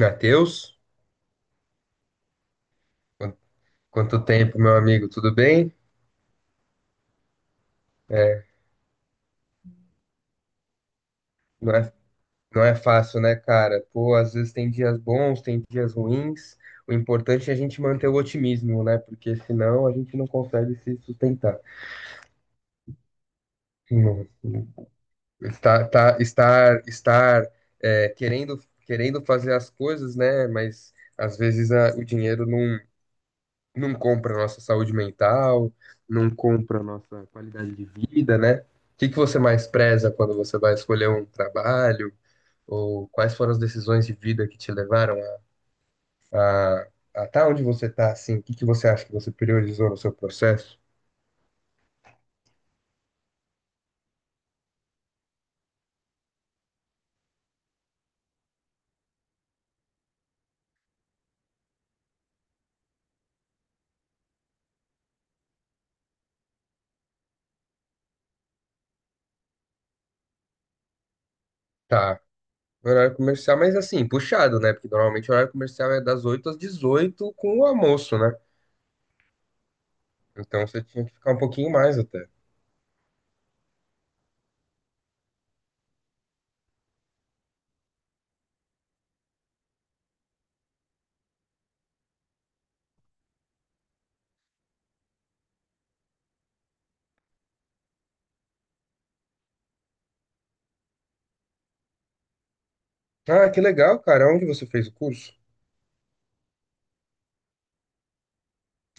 Matheus, quan- quanto tempo, meu amigo, tudo bem? É, não é, não é fácil, né, cara? Pô, às vezes tem dias bons, tem dias ruins. O importante é a gente manter o otimismo, né? Porque senão a gente não consegue se sustentar. Não- não- estar, é, querendo, querendo fazer as coisas, né? Mas às vezes o dinheiro não não compra a nossa saúde mental, não compra a nossa qualidade de vida, né? O que que você mais preza quando você vai escolher um trabalho? Ou quais foram as decisões de vida que te levaram a, a tá onde você tá, assim? O que que você acha que você priorizou no seu processo? Tá, horário comercial, mas assim, puxado, né? Porque normalmente o horário comercial é das 8 às 18 com o almoço, né? Então você tinha que ficar um pouquinho mais até. Ah, que legal, cara. Onde você fez o curso?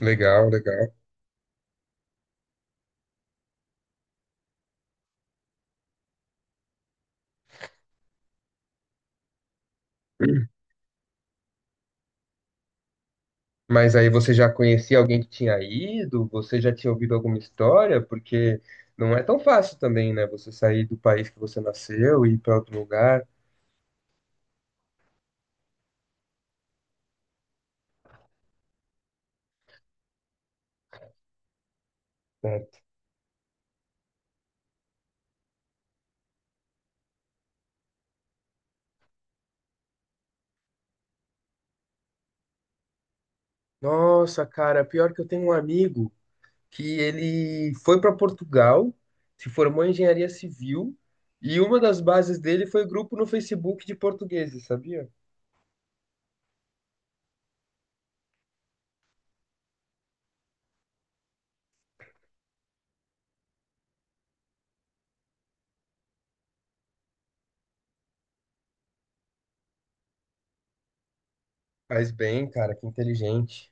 Legal, legal. Mas aí você já conhecia alguém que tinha ido? Você já tinha ouvido alguma história? Porque não é tão fácil também, né? Você sair do país que você nasceu e ir para outro lugar. Certo. Nossa, cara, pior que eu tenho um amigo que ele foi para Portugal, se formou em engenharia civil e uma das bases dele foi grupo no Facebook de portugueses, sabia? Faz bem, cara, que inteligente.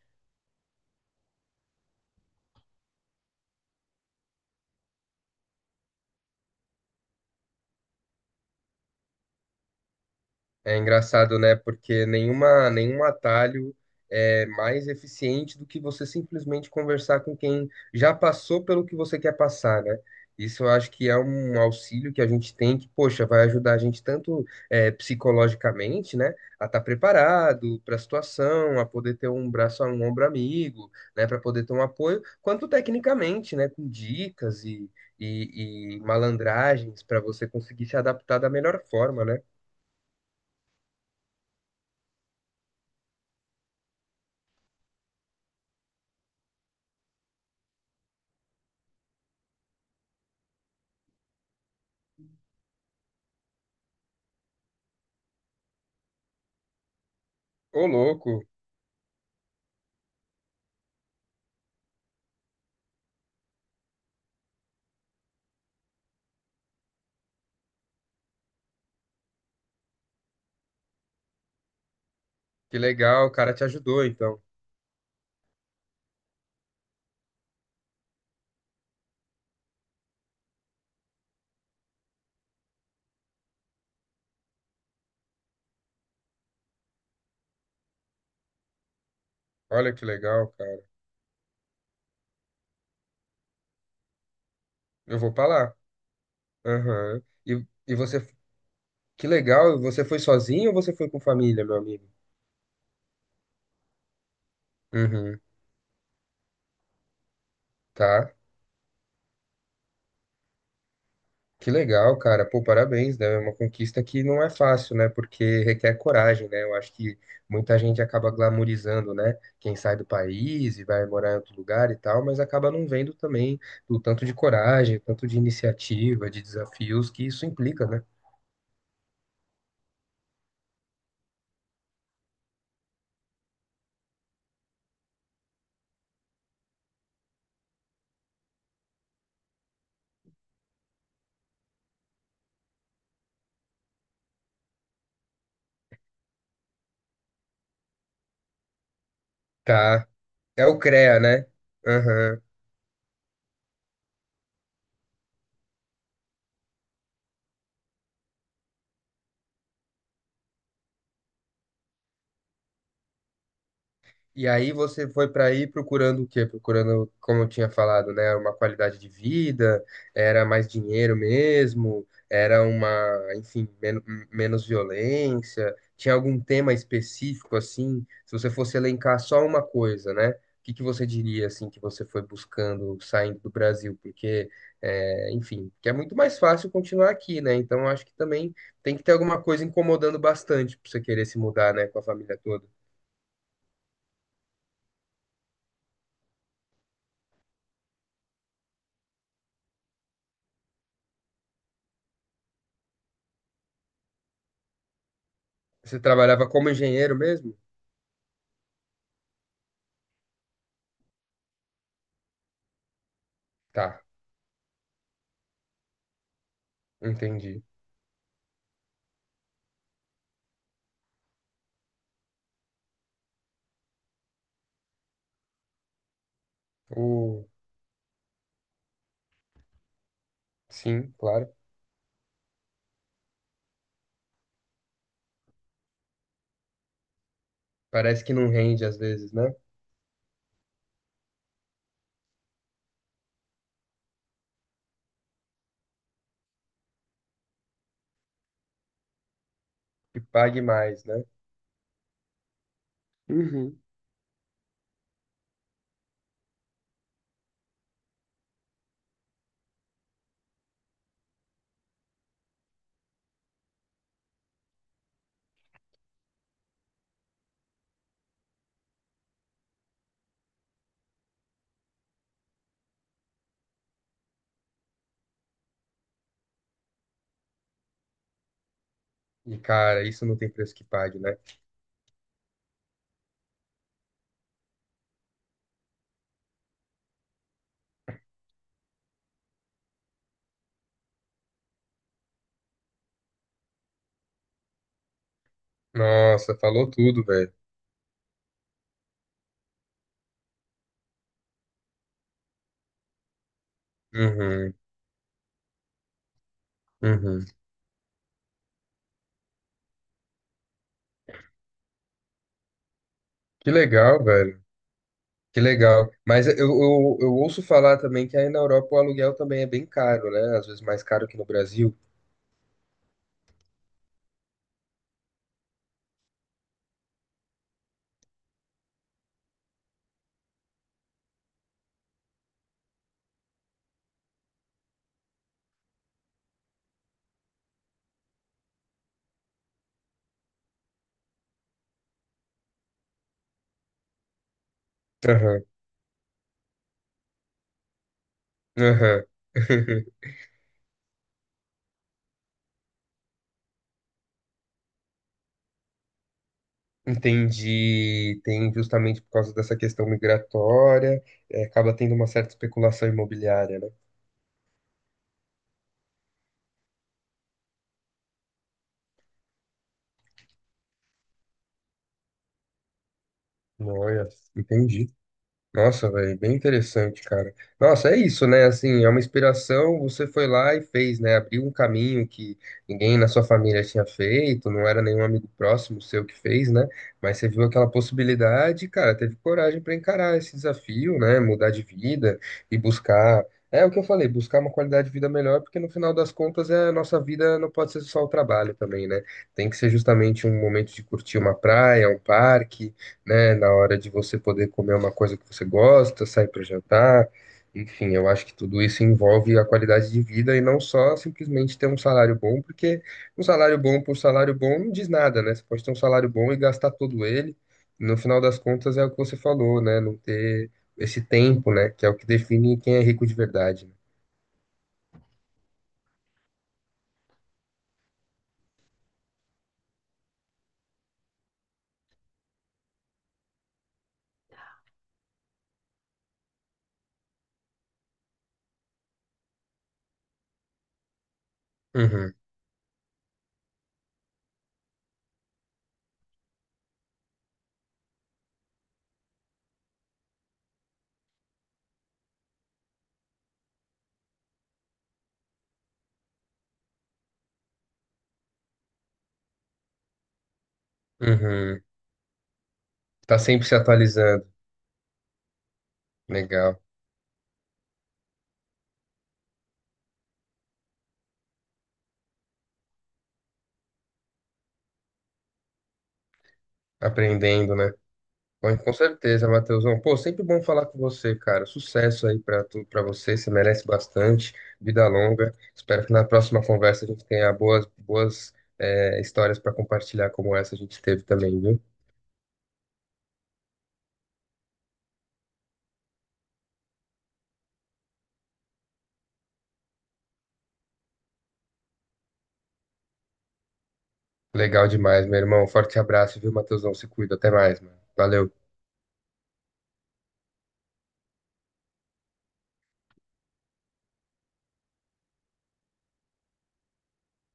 É engraçado, né? Porque nenhum atalho é mais eficiente do que você simplesmente conversar com quem já passou pelo que você quer passar, né? Isso eu acho que é um auxílio que a gente tem que, poxa, vai ajudar a gente tanto psicologicamente, né? A estar preparado para a situação, a poder ter um braço, um ombro amigo, né? Para poder ter um apoio, quanto tecnicamente, né? Com dicas e malandragens para você conseguir se adaptar da melhor forma, né? Ô, louco. Que legal, o cara te ajudou, então. Olha que legal, cara. Eu vou pra lá. Aham. E, você, que legal, você foi sozinho ou você foi com família, meu amigo? Uhum, tá. Que legal, cara. Pô, parabéns, né? É uma conquista que não é fácil, né? Porque requer coragem, né? Eu acho que muita gente acaba glamorizando, né? Quem sai do país e vai morar em outro lugar e tal, mas acaba não vendo também o tanto de coragem, o tanto de iniciativa, de desafios que isso implica, né? Tá. É o CREA, né? Aham. E aí você foi para aí procurando o quê? Procurando, como eu tinha falado, né, uma qualidade de vida, era mais dinheiro mesmo, enfim, menos violência. Tinha algum tema específico assim? Se você fosse elencar só uma coisa, né? O que que você diria assim que você foi buscando saindo do Brasil? Porque, é, enfim, que é muito mais fácil continuar aqui, né? Então eu acho que também tem que ter alguma coisa incomodando bastante para você querer se mudar, né, com a família toda. Você trabalhava como engenheiro mesmo? Tá, entendi. O... Sim, claro. Parece que não rende às vezes, né? Que pague mais, né? Uhum. E, cara, isso não tem preço que pague, né? Nossa, falou tudo, velho. Uhum, uhum. Que legal, velho. Que legal. Mas eu ouço falar também que aí na Europa o aluguel também é bem caro, né? Às vezes mais caro que no Brasil. Aham, aham. Entendi. Tem justamente por causa dessa questão migratória, é, acaba tendo uma certa especulação imobiliária, né? Olha, entendi. Nossa, velho, bem interessante, cara. Nossa, é isso, né? Assim, é uma inspiração. Você foi lá e fez, né? Abriu um caminho que ninguém na sua família tinha feito, não era nenhum amigo próximo seu que fez, né? Mas você viu aquela possibilidade, e, cara, teve coragem para encarar esse desafio, né? Mudar de vida e buscar. É o que eu falei, buscar uma qualidade de vida melhor, porque no final das contas é a nossa vida não pode ser só o trabalho também, né? Tem que ser justamente um momento de curtir uma praia, um parque, né? Na hora de você poder comer uma coisa que você gosta, sair para jantar. Enfim, eu acho que tudo isso envolve a qualidade de vida e não só simplesmente ter um salário bom, porque um salário bom por salário bom não diz nada, né? Você pode ter um salário bom e gastar todo ele. No final das contas, é o que você falou, né? Não ter esse tempo, né? Que é o que define quem é rico de verdade, né? Uhum, uhum. Tá sempre se atualizando. Legal. Aprendendo, né? Com certeza, Matheusão. Pô, sempre bom falar com você, cara. Sucesso aí pra tu, para você. Você merece bastante. Vida longa. Espero que na próxima conversa a gente tenha boas histórias para compartilhar como essa a gente teve também, viu? Legal demais, meu irmão. Forte abraço, viu, Matheusão? Se cuida. Até mais, mano. Valeu.